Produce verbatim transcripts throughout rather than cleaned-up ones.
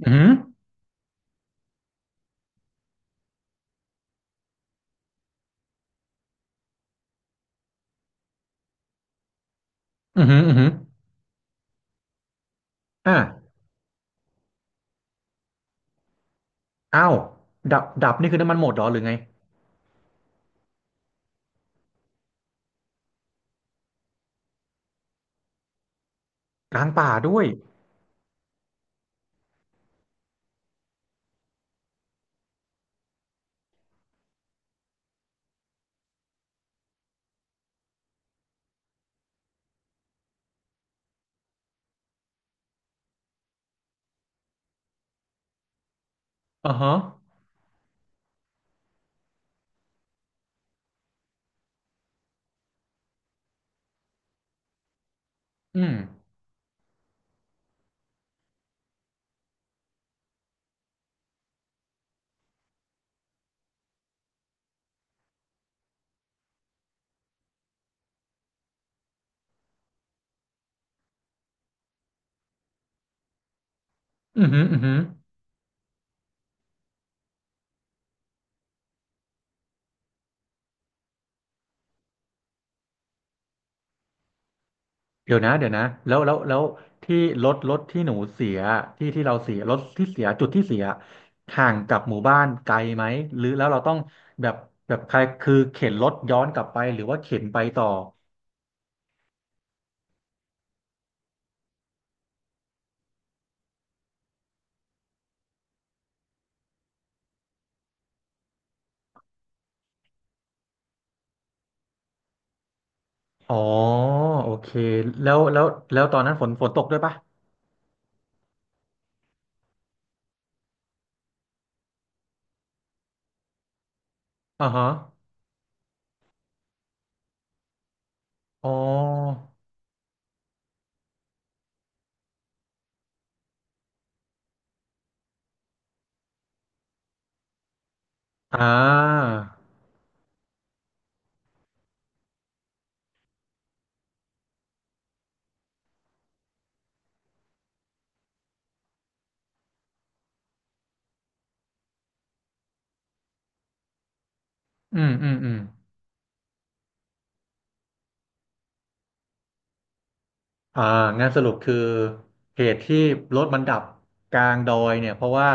อือหืออือหืออือหืออ่าอ้าวดับดับนี่คือน้ำมันหมดเหรอหรือไงกลางป่าด้วยอ่าฮะอืมอือหืออือหือเดี๋ยวนะเดี๋ยวนะแล้วแล้วแล้วที่รถรถที่หนูเสีย ที่ที่เราเสียรถที่เสีย จุดที่เสียห่างกับหมู่บ้านไกลไหม หรือแล้วเราต้องแบบแบบใครคือเข็นรถย้อนกลับไปหรือว่าเข็นไปต่ออ๋อโอเคแล้วแล้วแล้วตอนนั้นฝนฝนตกด้วยปะอ่าฮะอ๋ออ่า อืมอืมอืม อ่างานสรุปคือเหตุที่รถมันดับกลางดอยเนี่ยเพราะว่า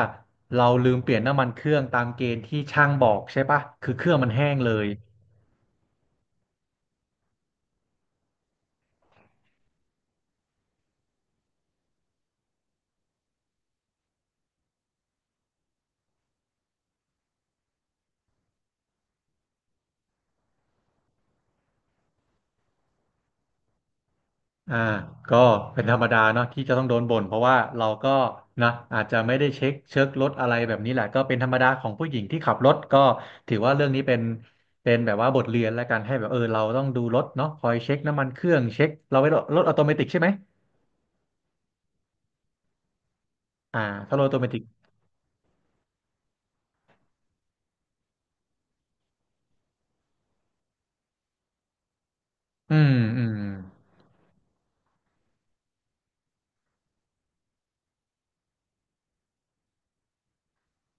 เราลืมเปลี่ยนน้ำมันเครื่องตามเกณฑ์ที่ช่างบอกใช่ปะคือเครื่องมันแห้งเลยอ่าก็เป็นธรรมดาเนาะที่จะต้องโดนบ่นเพราะว่าเราก็นะอาจจะไม่ได้เช็คเช็ครถอะไรแบบนี้แหละก็เป็นธรรมดาของผู้หญิงที่ขับรถก็ถือว่าเรื่องนี้เป็นเป็นแบบว่าบทเรียนแล้วกันให้แบบเออเราต้องดูรถเนาะคอยเช็คน้ำมันเครื่องเช็คเราไว้รถรถออโตเมติกใช่ไหมอ่าถ้ารถออโตเมติกอืมอืม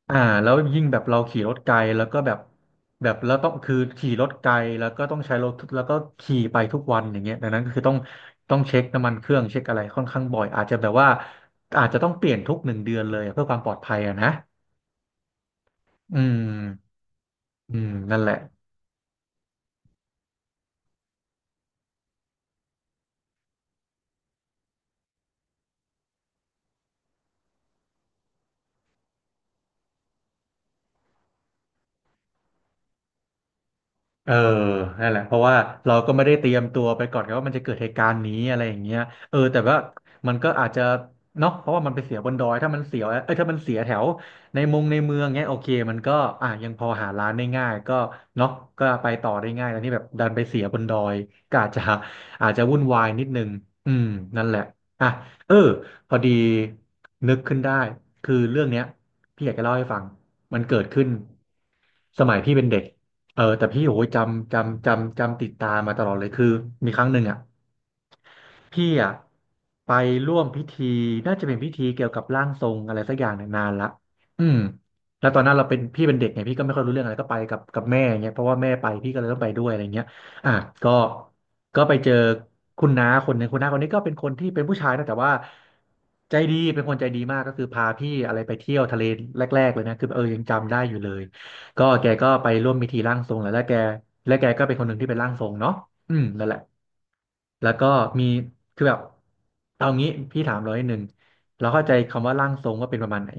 อ่าแล้วยิ่งแบบเราขี่รถไกลแล้วก็แบบแบบแล้วต้องคือขี่รถไกลแล้วก็ต้องใช้รถทุกแล้วก็ขี่ไปทุกวันอย่างเงี้ยดังนั้นก็คือต้องต้องเช็คน้ำมันเครื่องเช็คอะไรค่อนข้างบ่อยอาจจะแบบว่าอาจจะต้องเปลี่ยนทุกหนึ่งเดือนเลยเพื่อความปลอดภัยอะนะอืมอืมนั่นแหละ เออนั่นแหละเพราะว่าเราก็ไม่ได้เตรียมตัวไปก่อนไงว่ามันจะเกิดเหตุการณ์นี้อะไรอย่างเงี้ยเออแต่ว่ามันก็อาจจะเนาะเพราะว่ามันไปเสียบนดอยถ้ามันเสียเอ้ยถ้ามันเสียแถวในมงในเมืองเงี้ยโอเคมันก็อ่ะยังพอหาร้านได้ง่ายก็เนาะก็ไปต่อได้ง่ายแต่นี่แบบดันไปเสียบนดอยก็อาจจะอาจจะวุ่นวายนิดนึงอืมนั่นแหละอ่ะเออพอดีนึกขึ้นได้คือเรื่องเนี้ยพี่อยากจะเล่าให้ฟังมันเกิดขึ้นสมัยพี่เป็นเด็ก เออแต่พี่โอ้ยจำจำจำจำติดตามมาตลอดเลยคือมีครั้งหนึ่งอ่ะ พี่อ่ะไปร่วมพิธีน่าจะเป็นพิธีเกี่ยวกับร่างทรงอะไรสักอย่างเนี่ยนานละอืมแล้วตอนนั้นเราเป็นพี่เป็นเด็กไงพี่ก็ไม่ค่อยรู้เรื่องอะไรก็ไปกับกับแม่าเงี้ยเพราะว่าแม่ไปพี่ก็เลยต้องไปด้วยอะไรเงี้ยอ่ะก็ก็ไปเจอคุณน้าคนหนึ่งคุณน้าคนนี้ก็เป็นคนที่เป็นผู้ชายนะแต่ว่าใจดีเป็นคนใจดีมากก็คือพาพี่อะไรไปเที่ยวทะเลแรกๆเลยนะคือเออยังจำได้อยู่เลยก็แกก็ไปร่วมพิธีร่างทรงแล้วและแกและแกก็เป็นคนหนึ่งที่เป็นร่างทรงเนาะอืมนั่นแหละ แล้วก็มีคือแบบเอางี้พี่ถามร้อยหนึ่งเราเข้าใจคำว่าร่างทรงว่าเป็นประมาณไหน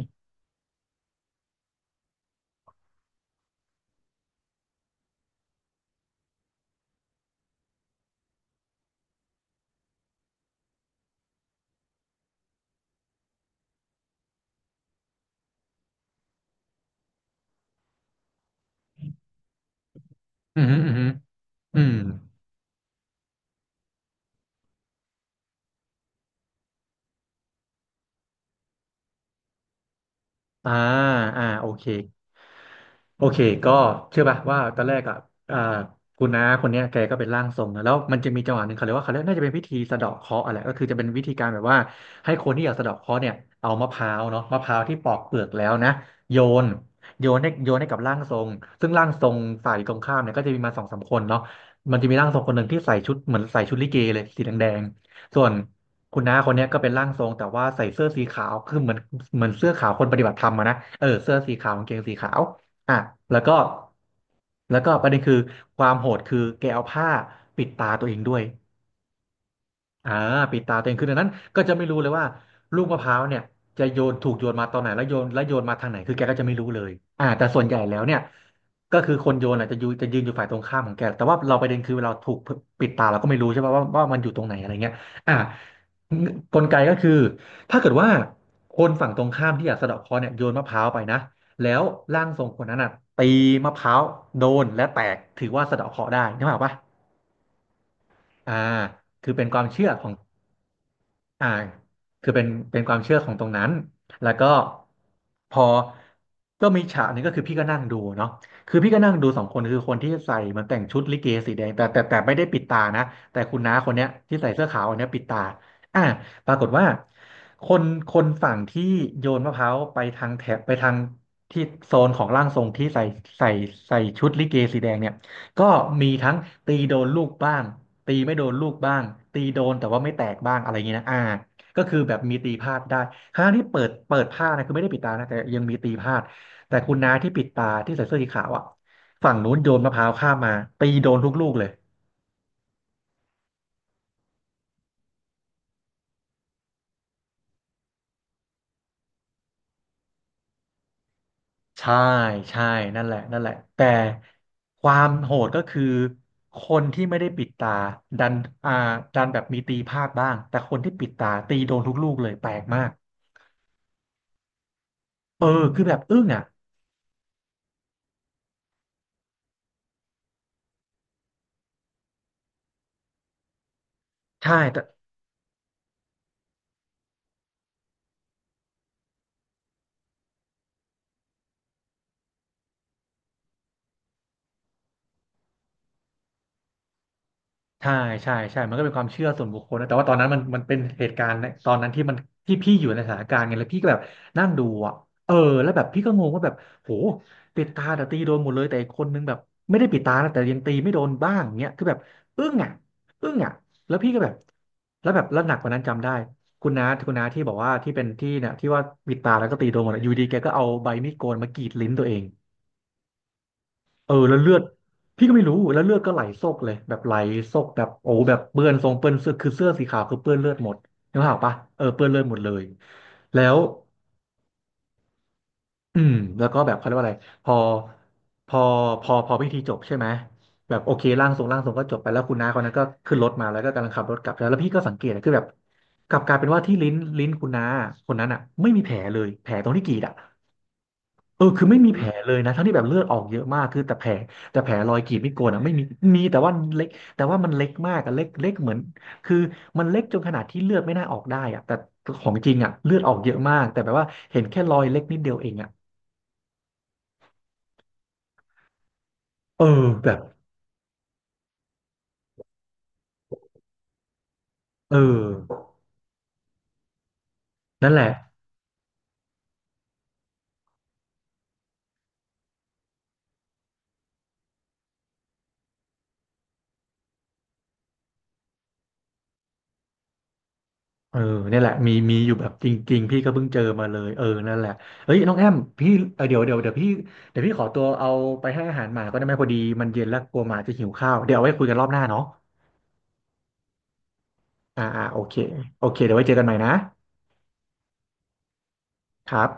อืมอหืมออืมอหืออืม อ่าอ่าโอเคโอเคก็เชื่อป่ะว่าตอนแรกอ่ะอ่าคุณน้าคนเนี้ยแกก็เป็นร่างทรงนะแล้วมันจะมีจังหวะหนึ่งเขาเรียกว่าเขาเรียกน่าจะเป็นพิธีสะเดาะเคราะห์อะไรก็คือจะเป็นวิธีการแบบว่าให้คนที่อยากสะเดาะเคราะห์เนี่ยเอามะพร้าวเนาะมะพร้าวที่ปอกเปลือกแล้วนะโยนโยนให้โยนให้กับร่างทรงซึ่งร่างทรงฝ่ายตรงข้ามเนี่ยก็จะมีมาสองสามคนเนาะมันจะมีร่างทรงคนหนึ่งที่ใส่ชุดเหมือนใส่ชุดลิเกเลยสีแดงๆส่วน คุณน้าคนเนี้ยก็เป็นร่างทรงแต่ว่าใส่เสื้อสีขาว คือเหมือนเหมือนเสื้อขาวคนปฏิบัติธรรมอะนะเออเสื้อสีขาวกางเกงสีขาวอ่ะแล้วก็แล้วก็ประเด็นคือความโหดคือแกเอาผ้าปิดตาตัวเองด้วย อ่าปิดตาตัวเองคือดังนั้นก็จะไม่รู้เลยว่าลูกมะพร้าวเนี่ยจะโยนถูกโยนมาตอนไหนแล้วโยนแล้วโยนมาทางไหนคือแกก็จะไม่รู้เลยอ่าแต่ส่วนใหญ่แล้วเนี่ยก็คือคนโยนอ่ะจะยืนจะยืนอยู่ฝ่ายตรงข้ามของแกแต่ว่าเราประเด็นคือเราถูกปิดตาเราก็ไม่รู้ใช่ป่ะว่าว่ามันอยู่ตรงไหนอะไรเงี้ยอ่ากลไกก็คือถ้าเกิดว่าคนฝั่งตรงข้ามที่อยากสะเดาะเคราะห์เนี่ยโยนมะพร้าวไปนะแล้วร่างทรงคนนั้นอ่ะตีมะพร้าวโดนและแตกถือว่าสะเดาะเคราะห์ได้นึกออกปะอ่าคือเป็นความเชื่อของ อ่าคือเป็นเป็นความเชื่อของตรงนั้นแล้วก็พอก็มีฉากนี้ก็คือพี่ก็นั่งดูเนาะคือพี่ก็นั่งดูสองคนคือคนที่ใส่เหมันแต่งชุดลิเกสีแดงแต่แต่แต่ไม่ได้ปิดตานะแต่คุณน้าคนเนี้ยที่ใส่เสื้อขาวอันเนี้ยปิดตาอ่าปรากฏว่าคนคนฝั่งที่โยนมะพร้าวไปทางแถบไปทางที่โซนของร่างทรงที่ใส่ใส่ใส่ชุดลิเกสีแดงเนี่ยก็มีทั้งตีโดนลูกบ้าง ตีไม่โดนลูกบ้างตีโดนแต่ว่าไม่แตกบ้างอะไรอย่างเงี้ยนะอ่าก็คือแบบมีตีพลาดได้ครั้งที่เปิดเปิดผ้านะคือไม่ได้ปิดตานะแต่ยังมีตีพลาดแต่คุณน้าที่ปิดตาที่ใส่เสื้อสีขาวอะฝั่งนู้นโยนมะพร้าวข้ามมาตีโดนทุกลูกเลยใช่ใช่นั่นแหละนั่นแหละแต่ความโหดก็คือคนที่ไม่ได้ปิดตาดันอ่าดันแบบมีตีพลาดบ้างแต่คนที่ปิดตาตีโดนทุกลูกเลยแปลกมากเออคือแบบอึ้งอ่ะใช่แต่ ใช่ใช่ใช่ มันก็เป็นความเชื่อส่วนบุคคลนะแต่ว่าตอนนั้นมันมันเป็นเหตุการณ์ในตอนนั้นที่มันที่พี่อยู่ในสถานการณ์ไงแล้วพี่ก็แบบนั่งดูอ่ะเออแล้วแบบพี่ก็งงว่าแบบโหปิดตาแต่ตีโดนหมดเลยแต่อีกคนนึงแบบไม่ได้ปิดตานะแต่ยังตีไม่โดนบ้างเงี้ยคือแบบอึ้งอ่ะอึ้งอ่ะแล้วพี่ก็แบบแล้วแบบแล้วหนักกว่านั้นจำได้คุณน้าคุณน้าที่บอกว่าที่เป็นที่เนี่ยที่ว่าปิดตาแล้วก็ตีโดนหมดอะอยู่ดีแกก็เอาใบมีดโกนมากรีดลิ้นตัวเอง เออแล้วเลือดพี่ก็ไม่รู้แล้วเลือดก็ไหลโซกเลยแบบไหลโซกแบบโอ้แบบเปื้อนทรงเปื้อนเสื้อคือเสื้อสีขาวคือเปื้อนเลือดหมดนึกภาพออกปะเออเปื้อนเลือดหมดเลยแล้วอืมแล้วก็แบบเขาเรียกว่าอะไรพอพอพอพอพิธีจบใช่ไหมแบบโอเคร่างทรงร่างทรงก็จบไปแล้วคุณน้าคนนั้นก็ขึ้นรถมาแล้วก็กำลังขับรถกลับแล้วแล้วพี่ก็สังเกตนะคือแบบกลับกลายเป็นว่าที่ลิ้นลิ้นคุณน้าคนนั้นอ่ะไม่มีแผลเลยแผลตรงที่กรีดอ่ะ เออคือไม่มีแผลเลยนะทั้งที่แบบเลือดออกเยอะมากคือแต่แผลแต่แผลรอยกรีดไม่โกนอ่ะไม่มีมีแต่ว่าเล็กแต่ว่ามันเล็กมากอะเล็กเล็กเหมือนคือมันเล็กจนขนาดที่เลือดไม่น่าออกได้อ่ะแต่ของจริงอ่ะเลือดออกเยอะมากแต่แบบว่าเห็นแค่รอยเล็กนิดเดียวเองอ่ะเออแบบเออนั่นแหละเออเนี่ยแหละมีมีอยู่แบบจริงๆพี่ก็เพิ่งเจอมาเลยเออนั่นแหละเฮ้ยน้องแอมพี่เออเดี๋ยวเดี๋ยวเดี๋ยวพี่เดี๋ยวพี่ขอตัวเอาไปให้อาหารหมาก็ได้ไหมพอดีมันเย็นแล้วกลัวหมาจะหิวข้าวเดี๋ยวเอาไว้คุยกันรอบหน้าเนาะ อ่าอ่าโอเคโอเคเดี๋ยวไว้เจอกันใหม่นะครับ